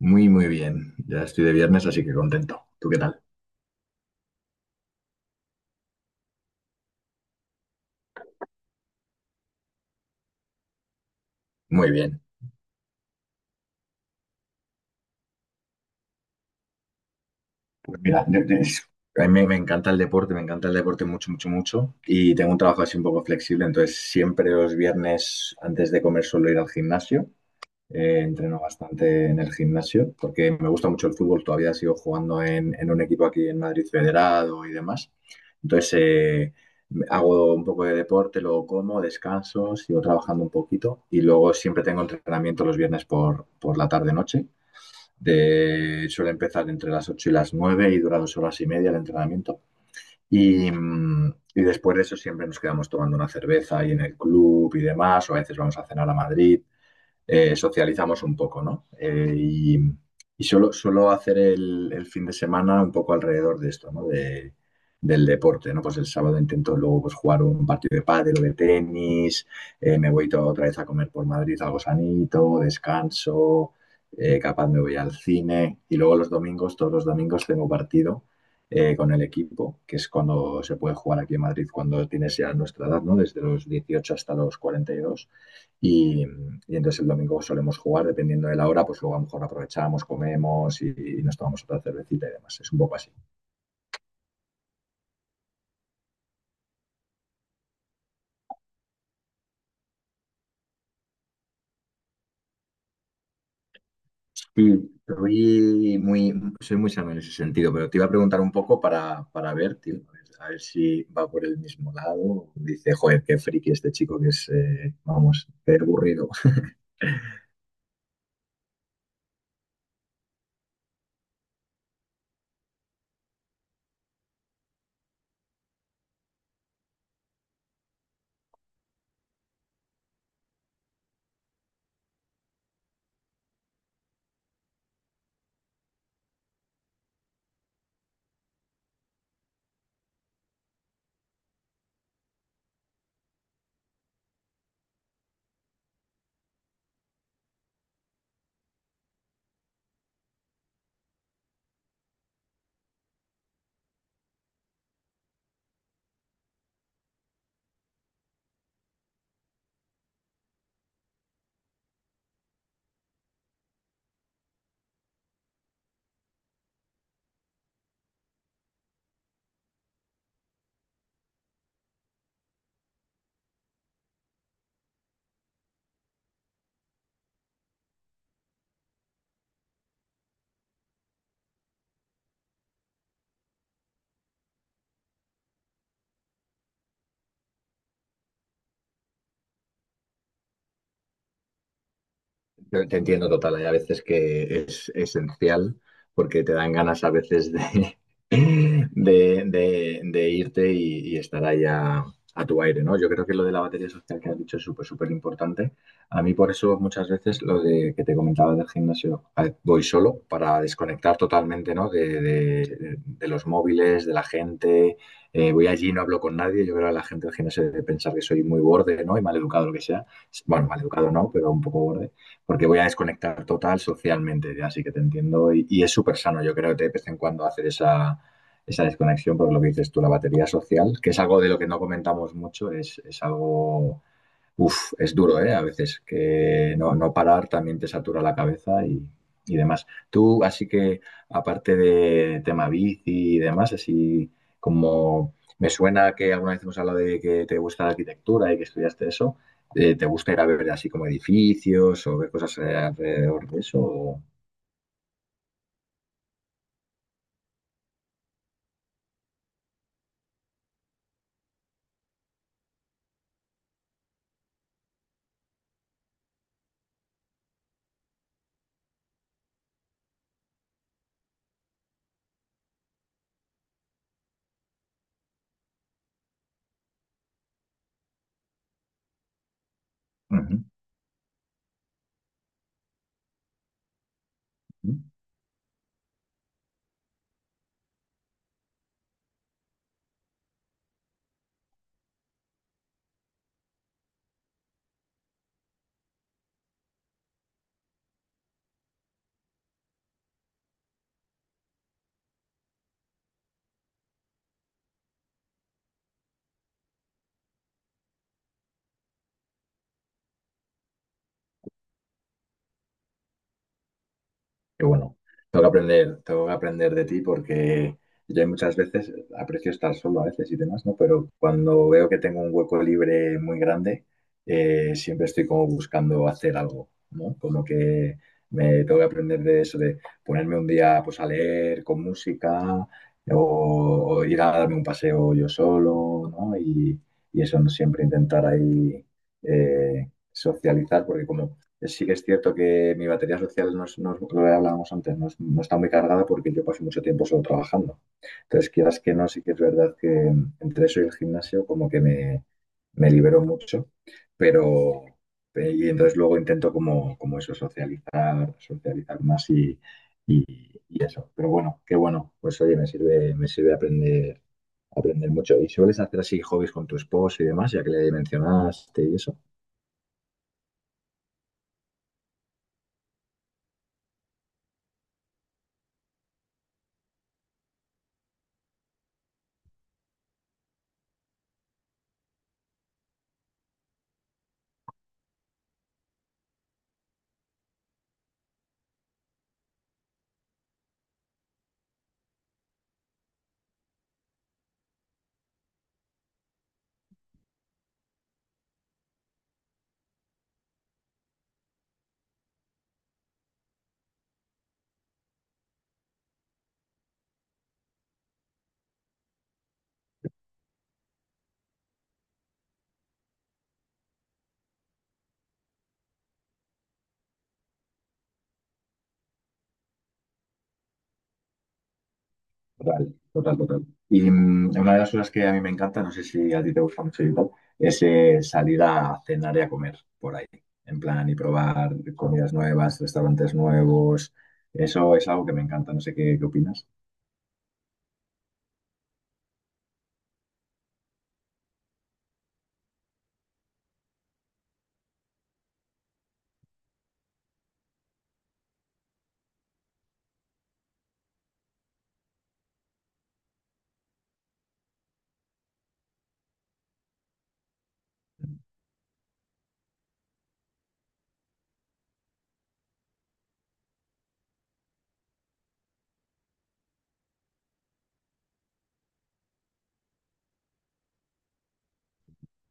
Muy, muy bien. Ya estoy de viernes, así que contento. ¿Tú qué tal? Muy bien. Pues mira, a mí me encanta el deporte, me encanta el deporte mucho, mucho, mucho. Y tengo un trabajo así un poco flexible, entonces siempre los viernes antes de comer suelo ir al gimnasio. Entreno bastante en el gimnasio porque me gusta mucho el fútbol, todavía sigo jugando en un equipo aquí en Madrid Federado y demás. Entonces hago un poco de deporte, luego como, descanso, sigo trabajando un poquito y luego siempre tengo entrenamiento los viernes por la tarde-noche. Suele empezar entre las 8 y las 9 y dura 2 horas y media el entrenamiento. Y después de eso siempre nos quedamos tomando una cerveza ahí en el club y demás, o a veces vamos a cenar a Madrid, socializamos un poco, ¿no? Y suelo hacer el fin de semana un poco alrededor de esto, ¿no? Del deporte, ¿no? Pues el sábado intento luego pues, jugar un partido de pádel o de tenis. Me voy toda otra vez a comer por Madrid algo sanito, descanso. Capaz me voy al cine, y luego los domingos, todos los domingos tengo partido, con el equipo, que es cuando se puede jugar aquí en Madrid, cuando tienes ya nuestra edad, ¿no? Desde los 18 hasta los 42 y, dos. Y entonces el domingo solemos jugar, dependiendo de la hora, pues luego a lo mejor aprovechamos, comemos y nos tomamos otra cervecita y demás. Es un poco así. Sí, soy muy sano en ese sentido, pero te iba a preguntar un poco para ver, tío, a ver si va por el mismo lado. Dice, joder, qué friki este chico que es, vamos, qué aburrido. Te entiendo total, hay a veces que es esencial porque te dan ganas a veces de irte y estar ahí a tu aire, ¿no? Yo creo que lo de la batería social que has dicho es súper, súper importante. A mí por eso muchas veces lo de que te comentaba del gimnasio, a ver, voy solo para desconectar totalmente, ¿no? De los móviles, de la gente. Voy allí, no hablo con nadie. Yo creo que la gente del gimnasio debe pensar que soy muy borde, ¿no? Y mal educado, lo que sea. Bueno, mal educado no, pero un poco borde porque voy a desconectar total socialmente, ya así que te entiendo y es súper sano, yo creo, de vez en cuando hacer esa desconexión, porque lo que dices tú, la batería social, que es algo de lo que no comentamos mucho, es algo. Uf, es duro, ¿eh? A veces que no, no parar también te satura la cabeza y demás. Tú, así que, aparte de tema bici y demás, así como me suena que alguna vez hemos hablado de que te gusta la arquitectura y que estudiaste eso, ¿te gusta ir a ver así como edificios o ver cosas alrededor de eso? Ujú. Que bueno, tengo que aprender de ti porque yo muchas veces aprecio estar solo a veces y demás, ¿no? Pero cuando veo que tengo un hueco libre muy grande, siempre estoy como buscando hacer algo, ¿no? Como que me tengo que aprender de eso, de ponerme un día pues a leer con música o, o ir a darme un paseo yo solo, ¿no? Y eso, ¿no? Siempre intentar ahí eh, socializar, porque como sí que es cierto que mi batería social, no es lo que hablábamos antes, no, no está muy cargada porque yo paso mucho tiempo solo trabajando. Entonces, quieras que no, sí que es verdad que entre eso y el gimnasio como que me libero mucho, pero y entonces luego intento como eso, socializar más y eso. Pero bueno, qué bueno, pues oye, me sirve aprender mucho. ¿Y sueles hacer así hobbies con tu esposo y demás, ya que le mencionaste y eso? Total, total, total. Y una de las cosas que a mí me encanta, no sé si a ti te gusta mucho y tal, es salir a cenar y a comer por ahí, en plan, y probar comidas nuevas, restaurantes nuevos. Eso es algo que me encanta, no sé qué, qué opinas.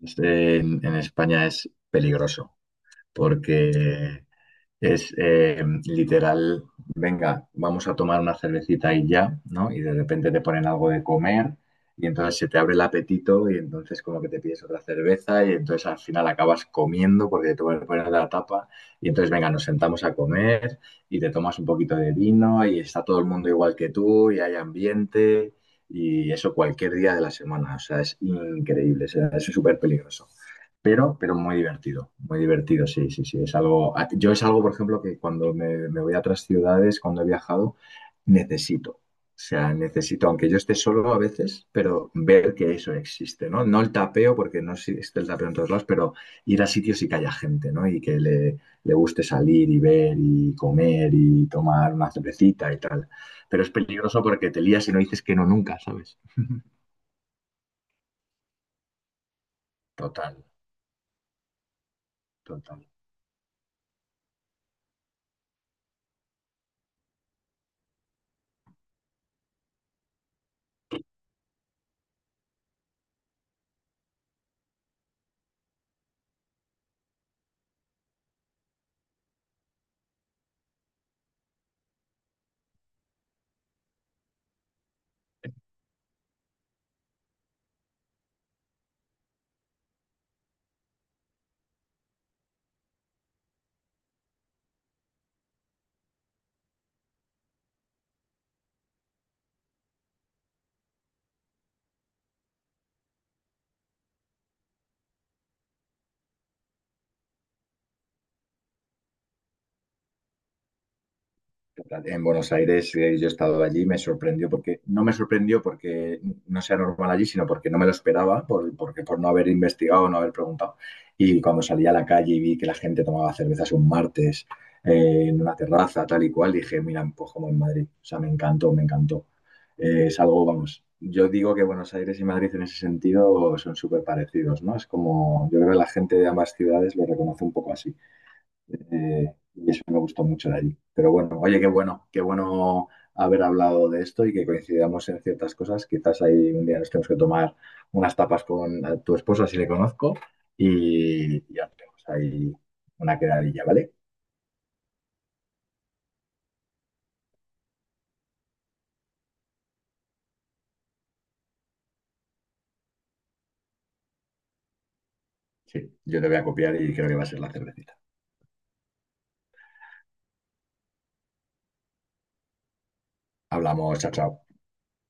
Este, en España es peligroso, porque es, literal, venga, vamos a tomar una cervecita y ya, ¿no? Y de repente te ponen algo de comer, y entonces se te abre el apetito y entonces como que te pides otra cerveza y entonces al final acabas comiendo porque te ponen poner la tapa, y entonces venga, nos sentamos a comer y te tomas un poquito de vino y está todo el mundo igual que tú y hay ambiente, y eso cualquier día de la semana, o sea, es increíble, o sea, es súper peligroso pero muy divertido, sí, sí, sí. Es algo, a- yo es algo, por ejemplo, que cuando me voy a otras ciudades, cuando he viajado, necesito. O sea, necesito, aunque yo esté solo a veces, pero ver que eso existe, ¿no? No el tapeo, porque no existe el tapeo en todos lados, pero ir a sitios y que haya gente, ¿no? Y que le guste salir y ver y comer y tomar una cervecita y tal. Pero es peligroso porque te lías y no dices que no nunca, ¿sabes? Total, total. En Buenos Aires, yo he estado allí, me sorprendió porque, no me sorprendió porque no sea normal allí, sino porque no me lo esperaba, porque por no haber investigado, no haber preguntado. Y cuando salí a la calle y vi que la gente tomaba cervezas un martes, en una terraza, tal y cual, dije, mira, pues como en Madrid. O sea, me encantó, me encantó. Es algo, vamos, yo digo que Buenos Aires y Madrid en ese sentido son súper parecidos, ¿no? Es como, yo creo que la gente de ambas ciudades lo reconoce un poco así. Y eso me gustó mucho de allí. Pero bueno, oye, qué bueno haber hablado de esto y que coincidamos en ciertas cosas. Quizás ahí un día nos tenemos que tomar unas tapas con tu esposa, si le conozco, y ya tenemos ahí una quedadilla, ¿vale? Sí, yo te voy a copiar y creo que va a ser la cervecita. Hablamos, chao, chao.